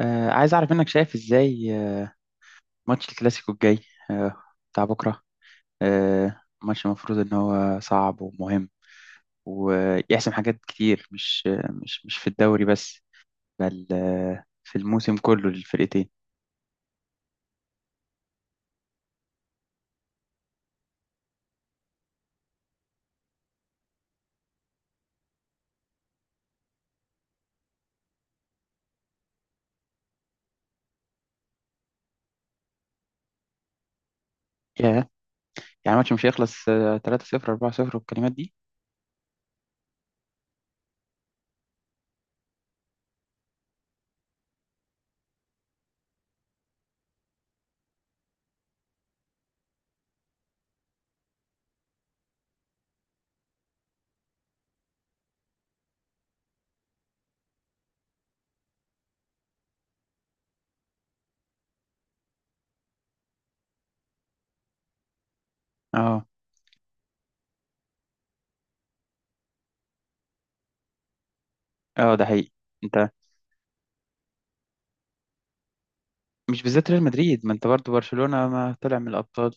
عايز أعرف منك، شايف إزاي ماتش الكلاسيكو الجاي آه بتاع بكرة. ماتش المفروض إن هو صعب ومهم، ويحسم حاجات كتير، مش مش في الدوري بس، بل في الموسم كله للفرقتين. ياه! يعني الماتش مش هيخلص 3-0، 4-0 والكلمات دي. اه، اه، ده حقيقي. أنت، مش بالذات ريال مدريد، ما أنت برضه برشلونة ما طلع من الأبطال،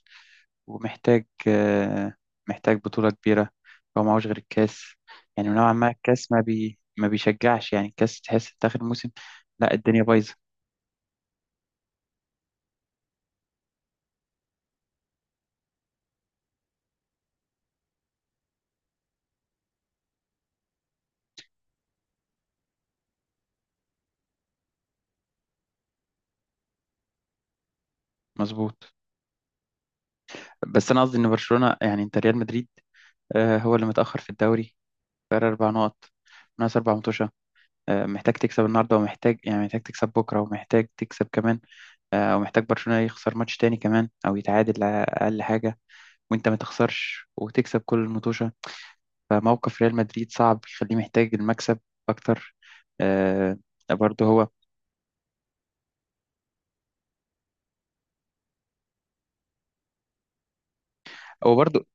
ومحتاج آه، محتاج بطولة كبيرة. هو معهوش غير الكاس، يعني نوعا ما الكاس ما بيشجعش، يعني الكاس تحس في آخر الموسم. لا، الدنيا بايظة. مظبوط. بس أنا قصدي إن برشلونة، يعني أنت ريال مدريد هو اللي متأخر في الدوري، فرق أربع نقط، ناقص أربع متوشة. محتاج تكسب النهاردة، ومحتاج يعني محتاج تكسب بكرة، ومحتاج تكسب كمان. ومحتاج برشلونة يخسر ماتش تاني كمان، أو يتعادل على أقل حاجة، وأنت ما تخسرش وتكسب كل الماتش. فموقف ريال مدريد صعب، يخليه محتاج المكسب أكتر. آه، برضه هو برضه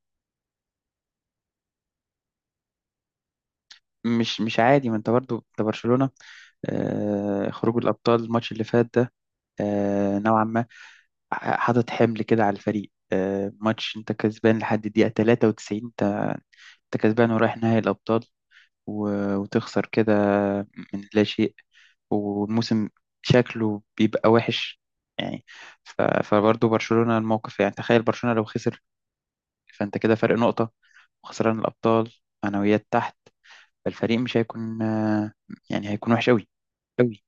مش عادي، ما انت برضه انت برشلونة. خروج الأبطال، الماتش اللي فات ده، نوعا ما حاطط حمل كده على الفريق. ماتش انت كسبان لحد الدقيقة 93، انت كسبان ورايح نهائي الأبطال، وتخسر كده من لا شيء. والموسم شكله بيبقى وحش يعني. فبرضه برشلونة الموقف، يعني تخيل برشلونة لو خسر، فأنت كده فرق نقطة، وخسران الأبطال، معنويات تحت، فالفريق مش هيكون يعني هيكون وحش أوي. أوي.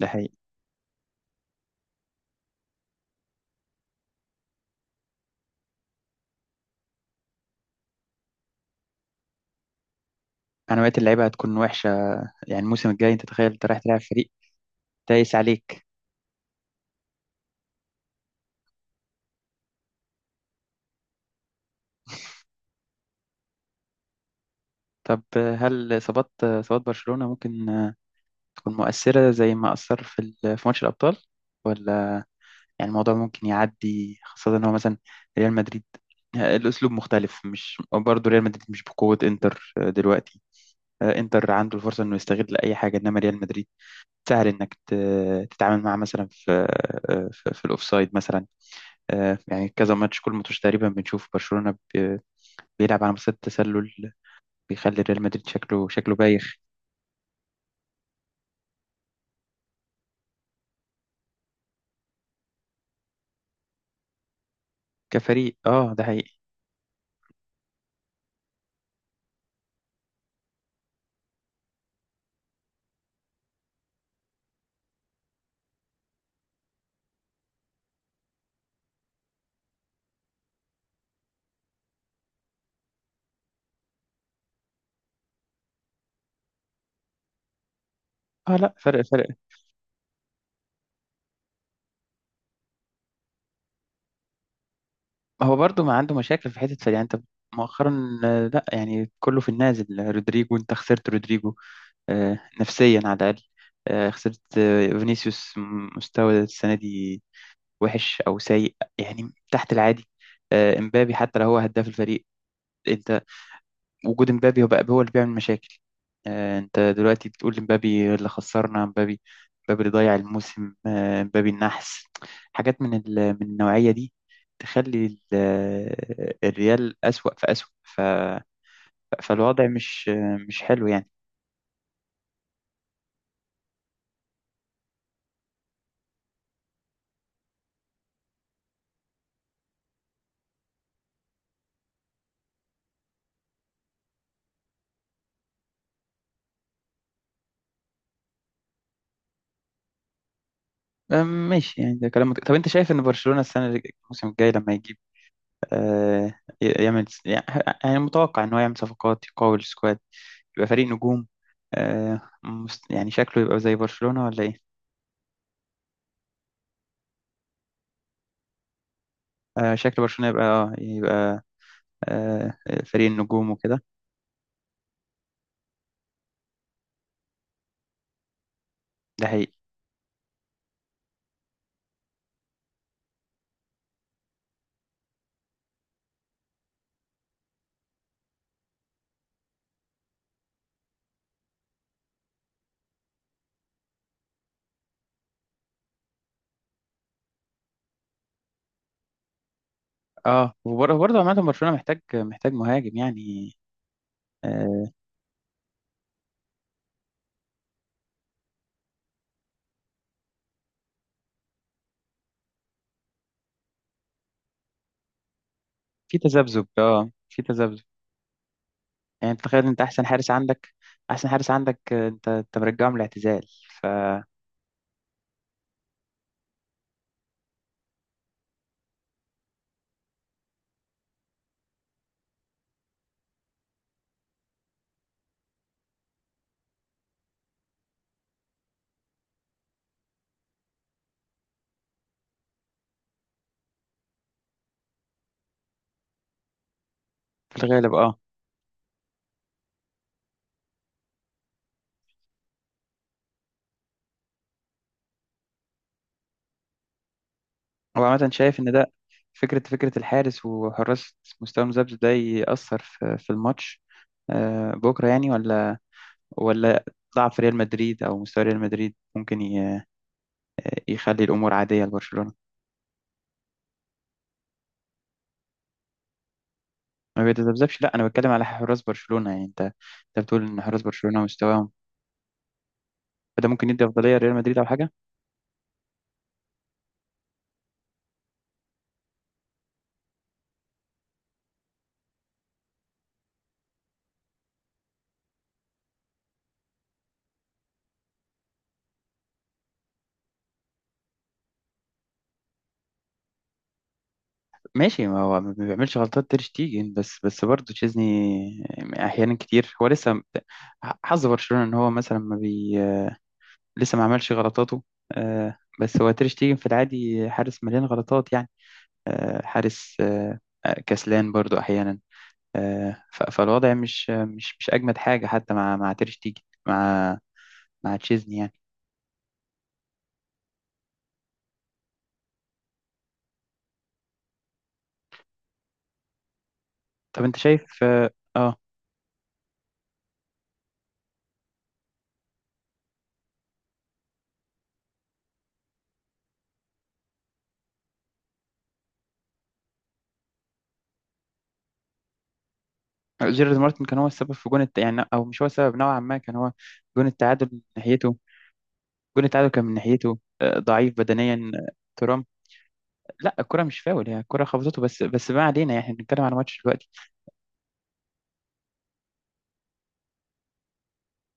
ده حقيقي. معنويات اللعيبة هتكون وحشة، يعني الموسم الجاي أنت تخيل أنت رايح تلعب فريق دايس عليك. طب، هل إصابات برشلونة ممكن تكون مؤثرة زي ما أثر في في ماتش الأبطال، ولا يعني الموضوع ممكن يعدي، خاصة إن هو مثلا ريال مدريد الأسلوب مختلف. مش برضه ريال مدريد مش بقوة إنتر دلوقتي. إنتر عنده الفرصة إنه يستغل أي حاجة، إنما ريال مدريد سهل انك تتعامل معاه، مثلا في في الاوفسايد مثلا. يعني كذا ماتش، كل ماتش تقريبا بنشوف برشلونة بيلعب على مسات تسلل، بيخلي ريال مدريد شكله بايخ. كفريق، اه، ده حقيقي. اه، لا، فرق فرق. هو برضو ما عنده مشاكل في حتة فرق يعني، انت مؤخرا لا، يعني كله في النازل. رودريجو، انت خسرت رودريجو نفسيا على الاقل. خسرت فينيسيوس، مستوى السنة دي وحش او سيء، يعني تحت العادي. امبابي، حتى لو هو هداف الفريق، انت وجود امبابي هو بقى هو اللي بيعمل مشاكل. انت دلوقتي بتقول امبابي اللي خسرنا، امبابي، امبابي اللي ضيع الموسم، امبابي النحس، حاجات من من النوعية دي، تخلي الريال أسوأ فأسوأ، فالوضع مش مش حلو يعني. ماشي، يعني ده كلام طب انت شايف ان برشلونة السنة الموسم الجاي لما يجي يعني متوقع إن هو يعمل صفقات يقوي السكواد، يبقى فريق نجوم. يعني شكله يبقى زي برشلونة ولا إيه؟ شكل برشلونة يبقى آه، فريق النجوم وكده. ده حقيقي. اه، وبرضه عامة برشلونة محتاج مهاجم يعني. آه، في تذبذب، اه، في تذبذب، يعني أنت تخيل، انت احسن حارس عندك، انت مرجعه من الاعتزال ف- في الغالب، اه. هو عامة شايف إن ده فكرة الحارس، وحراس مستوى مذبذب ده يأثر في الماتش بكرة يعني، ولا ضعف ريال مدريد، أو مستوى ريال مدريد ممكن يخلي الأمور عادية لبرشلونة. ما بيتذبذبش، لا، أنا بتكلم على حراس برشلونة، يعني أنت بتقول إن حراس برشلونة مستواهم، فده ممكن يدي أفضلية لريال مدريد أو حاجة. ماشي، ما هو ما بيعملش غلطات تير شتيجن، بس برضه تشيزني أحيانا كتير هو لسه، حظ برشلونة إن هو مثلا ما بي لسه ما عملش غلطاته. بس هو تير شتيجن في العادي حارس مليان غلطات يعني. آه، حارس آه، آه، كسلان برضو أحيانا. فالوضع مش أجمد حاجة حتى مع مع تير شتيجن، مع تشيزني يعني. طب أنت شايف آه، جيرارد مارتن كان هو السبب في جون يعني أو مش هو السبب، نوعا ما كان هو جون التعادل من ناحيته. جون التعادل كان من ناحيته ضعيف بدنيا ترام. لا، الكرة مش فاول، هي الكرة خبطته، بس ما علينا، يعني نتكلم عن الماتش دلوقتي.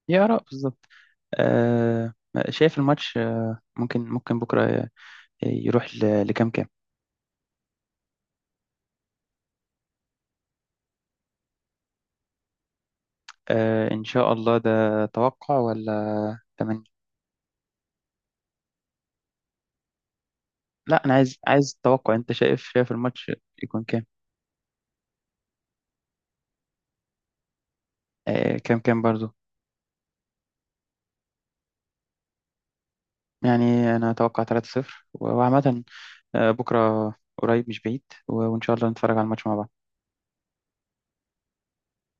يا آراء بالظبط. آه، شايف الماتش ممكن بكرة يروح لكام. إن شاء الله، ده توقع ولا تمني؟ لا، أنا عايز توقع، أنت شايف، الماتش يكون كام. كام برضو. يعني أنا أتوقع 3-0 وعامة. بكرة قريب مش بعيد، وإن شاء الله نتفرج على الماتش مع بعض.